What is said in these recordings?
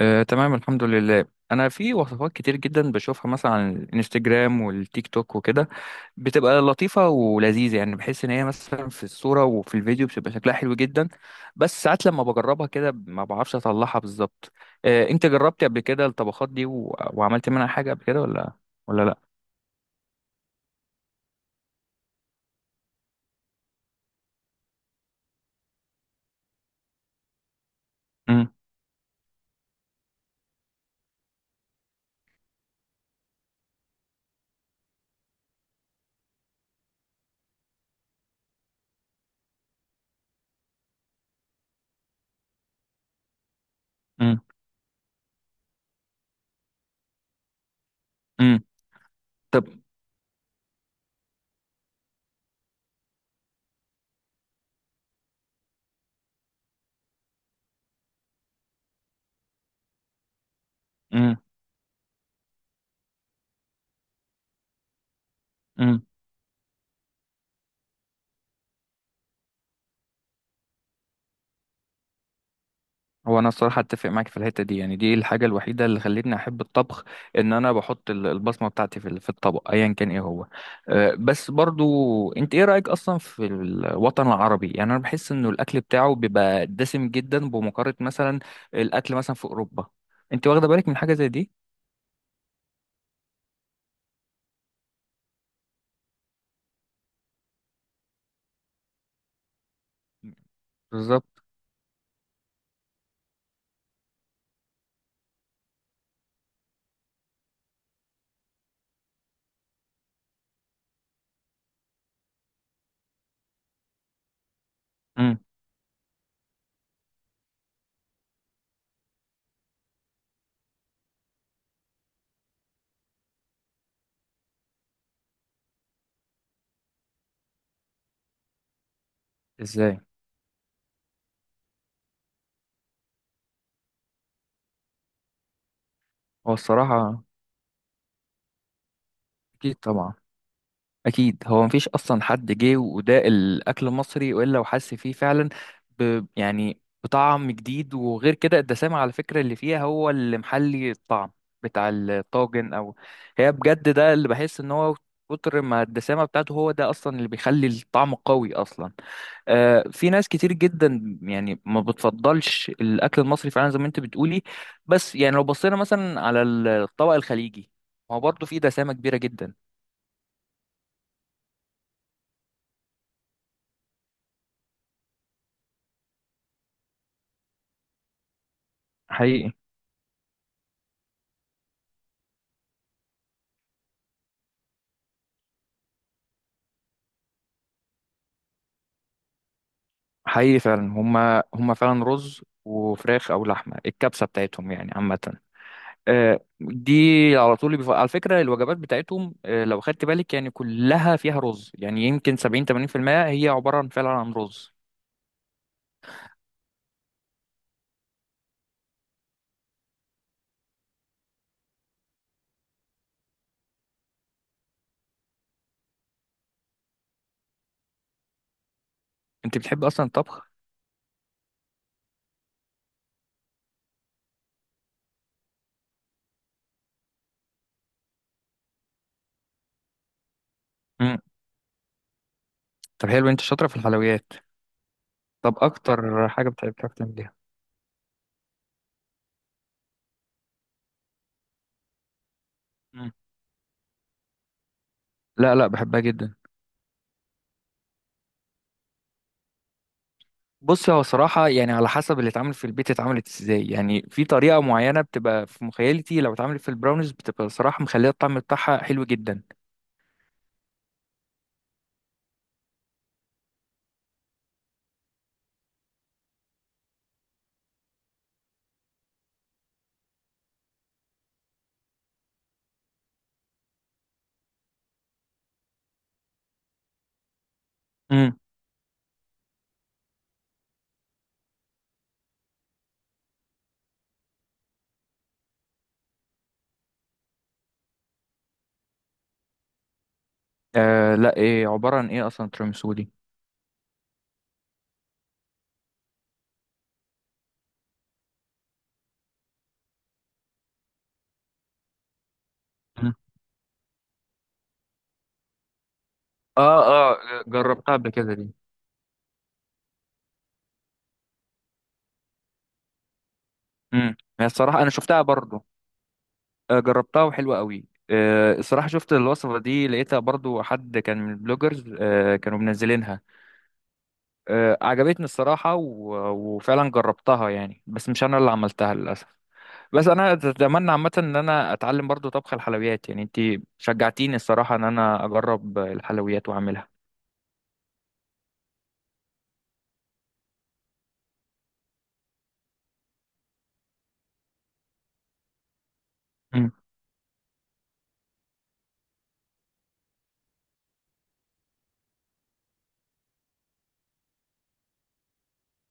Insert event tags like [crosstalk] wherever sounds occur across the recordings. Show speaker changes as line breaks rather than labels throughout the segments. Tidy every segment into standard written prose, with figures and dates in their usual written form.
آه، تمام الحمد لله. انا في وصفات كتير جدا بشوفها مثلا على الانستجرام والتيك توك وكده. بتبقى لطيفه ولذيذه، يعني بحس ان هي مثلا في الصوره وفي الفيديو بتبقى شكلها حلو جدا. بس ساعات لما بجربها كده ما بعرفش اطلعها بالظبط. آه، انت جربتي قبل كده الطبخات دي و... وعملت منها حاجه قبل كده ولا؟ ولا لا. امم. امم. امم. طب. امم. امم. هو انا الصراحه اتفق معاك في الحته دي، يعني دي الحاجه الوحيده اللي خلتني احب الطبخ، ان انا بحط البصمه بتاعتي في الطبق ايا كان ايه هو. بس برضو، انت ايه رايك اصلا في الوطن العربي؟ يعني انا بحس انه الاكل بتاعه بيبقى دسم جدا بمقارنه مثلا الاكل مثلا في اوروبا. انت واخده بالك من حاجه زي دي؟ بالظبط. امم. ازاي. هو الصراحه اكيد طبعا، اكيد هو مفيش اصلا حد جه وده الاكل المصري والا وحس فيه فعلا يعني بطعم جديد. وغير كده الدسامه على فكره اللي فيها هو اللي محلي الطعم بتاع الطاجن او. هي بجد ده اللي بحس ان هو كتر ما الدسامه بتاعته هو ده اصلا اللي بيخلي الطعم قوي اصلا. آه، في ناس كتير جدا يعني ما بتفضلش الاكل المصري فعلا زي ما انت بتقولي. بس يعني لو بصينا مثلا على الطبق الخليجي، هو برضه فيه دسامه كبيره جدا. حقيقي. حقيقي فعلا، هما هما فعلا رز وفراخ او لحمه الكبسه بتاعتهم يعني عامه. آه، دي على طول على فكره الوجبات بتاعتهم، آه، لو خدت بالك، يعني كلها فيها رز، يعني يمكن 70 80% هي عباره عن فعلا عن رز. انت بتحب اصلا الطبخ؟ امم. طب حلو، انت شاطره في الحلويات. طب اكتر حاجه بتحب بتعرف تعمليها؟ مم. لا لا، بحبها جدا. بص هو صراحة يعني على حسب اللي اتعمل في البيت اتعملت ازاي، يعني في طريقة معينة بتبقى في مخيلتي لو اتعملت في البراونيز بتبقى صراحة مخلية الطعم بتاعها حلو جدا. امم. آه لا، ايه عبارة عن ايه اصلا تيراميسو دي؟ امم. اه. اه جربتها قبل كده دي. امم. هي الصراحة انا شفتها برضو. آه جربتها وحلوة قوي. الصراحة شفت الوصفة دي لقيتها برضو حد كان من البلوجرز آه كانوا منزلينها. آه عجبتني الصراحة، و... وفعلا جربتها يعني بس مش انا اللي عملتها للأسف. بس انا اتمنى عامه ان انا اتعلم برضو طبخ الحلويات. يعني انت شجعتيني الصراحه ان انا اجرب الحلويات واعملها. مم.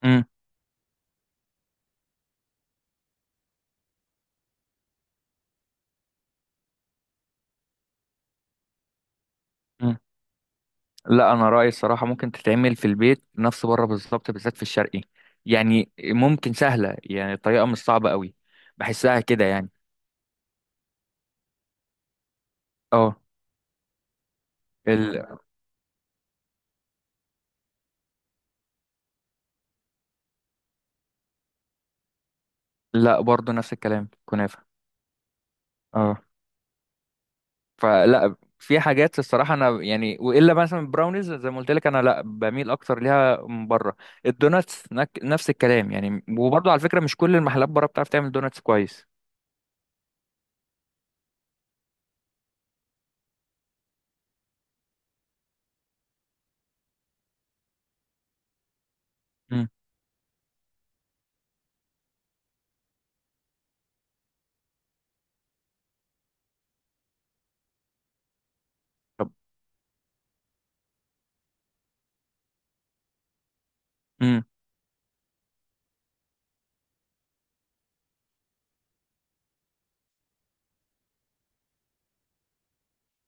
مم. مم. لا انا رايي الصراحه ممكن تتعمل في البيت نفس بره بالظبط، بالذات في الشرقي. يعني ممكن سهله، يعني الطريقه مش صعبه قوي. بحسها كده يعني. اه. ال... لا برضو نفس الكلام، كنافه. اه. فلا في حاجات الصراحه انا يعني، والا مثلا البراونيز زي ما قلت لك انا لا بميل اكتر ليها من بره. الدوناتس نفس الكلام يعني. وبرضه على فكره مش كل المحلات بره بتعرف تعمل دوناتس كويس. مم. طب. مم.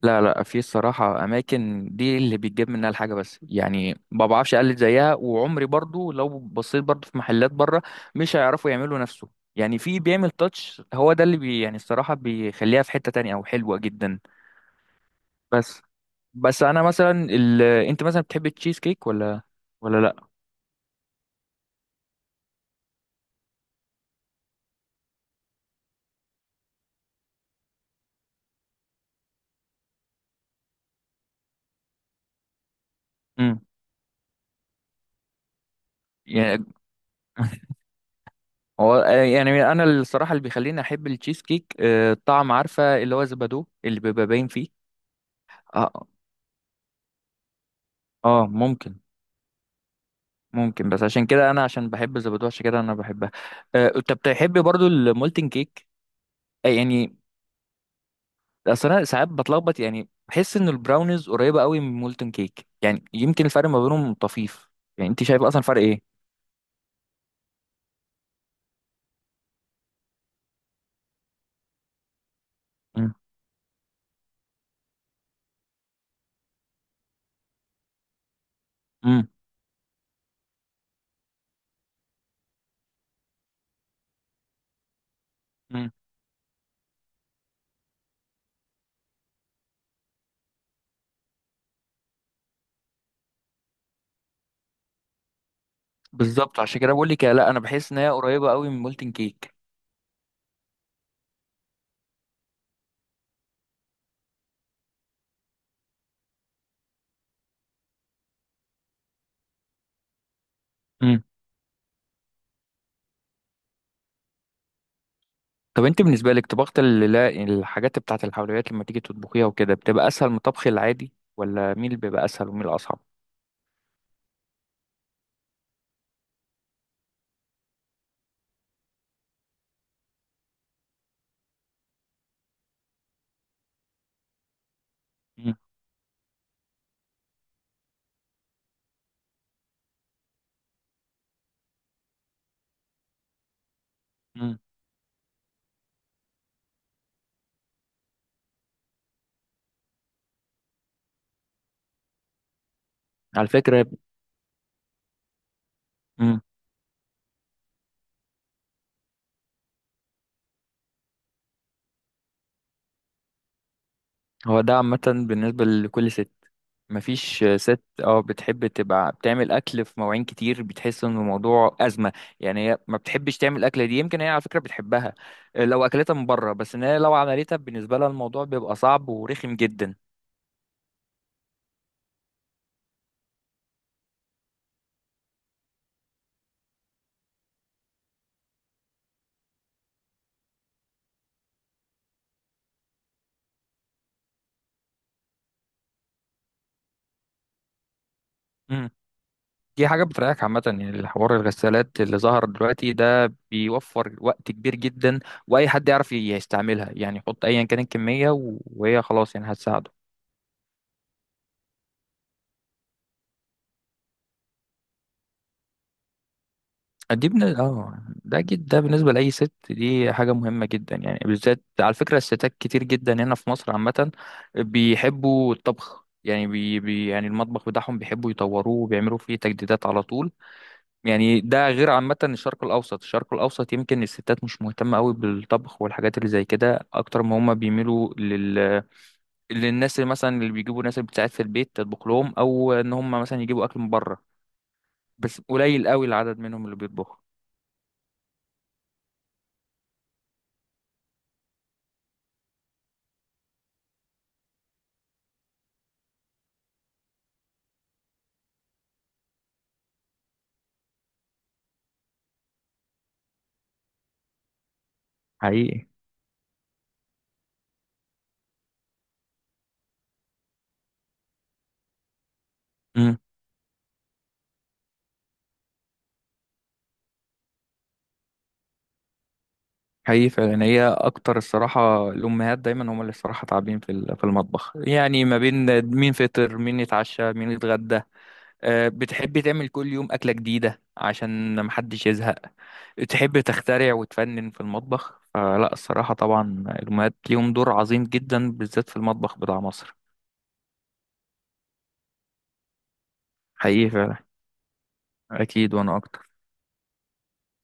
لا لا، في الصراحه اماكن دي اللي بيتجاب منها الحاجه، بس يعني ما بعرفش اقلد زيها، وعمري برضه لو بصيت برضه في محلات بره مش هيعرفوا يعملوا نفسه. يعني في بيعمل تاتش هو ده اللي يعني الصراحه بيخليها في حته تانية او حلوه جدا. بس بس انا مثلا انت مثلا بتحب التشيز كيك ولا ولا لا؟ امم. يعني [laughs] هو يعني انا الصراحه اللي بيخليني احب التشيز كيك آه، الطعم عارفه اللي هو زبادو اللي بيبقى باين فيه. اه. اه ممكن. ممكن بس عشان كده انا، عشان بحب الزبادو عشان كده انا بحبها. آه، انت بتحب برضو المولتن كيك؟ يعني اصل انا ساعات بتلخبط، يعني بحس ان البراونيز قريبه قوي من المولتن كيك، يعني يمكن الفرق ما بينهم طفيف. يعني انت شايف اصلا فرق ايه؟ امم. بالظبط، عشان كده بقول لك لا انا بحس ان هي قريبه قوي من مولتن كيك. امم. طب انت بالنسبه لك طبخت ال- لا، الحاجات بتاعه الحلويات لما تيجي تطبخيها وكده بتبقى اسهل من الطبخ العادي، ولا مين اللي بيبقى اسهل ومين الاصعب؟ امم. امم. على فكره. امم. هو ده عامه بالنسبه لكل ست. مفيش ست اه بتحب تبقى بتعمل اكل في مواعين كتير، بتحس ان الموضوع ازمه. يعني هي ما بتحبش تعمل اكله دي، يمكن هي على فكره بتحبها لو اكلتها من بره، بس ان هي لو عملتها بالنسبه لها الموضوع بيبقى صعب ورخم جدا. دي حاجة بتريحك عامة. يعني الحوار الغسالات اللي ظهر دلوقتي ده بيوفر وقت كبير جدا. وأي حد يعرف يستعملها، يعني يحط أيا كان الكمية وهي خلاص يعني هتساعده. دي بن... اه ده جد، ده بالنسبة لأي ست دي حاجة مهمة جدا، يعني بالذات على فكرة الستات كتير جدا هنا في مصر عامة بيحبوا الطبخ. يعني يعني المطبخ بتاعهم بيحبوا يطوروه وبيعملوا فيه تجديدات على طول. يعني ده غير عامة الشرق الأوسط، الشرق الأوسط يمكن الستات مش مهتمة قوي بالطبخ والحاجات اللي زي كده، أكتر ما هما بيميلوا للناس اللي مثلا اللي بيجيبوا ناس اللي بتساعد في البيت تطبخ لهم، أو إن هما مثلا يجيبوا أكل من بره. بس قليل قوي العدد منهم اللي بيطبخوا. حقيقي. امم. حقيقي فعلا، هي أكتر الصراحة الأمهات دايما هما اللي الصراحة تعبين في في المطبخ، يعني ما بين مين فطر، مين يتعشى، مين يتغدى. آه، بتحبي تعمل كل يوم أكلة جديدة عشان محدش يزهق. تحب تخترع وتفنن في المطبخ. فلا الصراحة طبعا الأمهات ليهم دور عظيم جدا بالذات في المطبخ بتاع مصر. حقيقي فعلا. أكيد وأنا أكتر.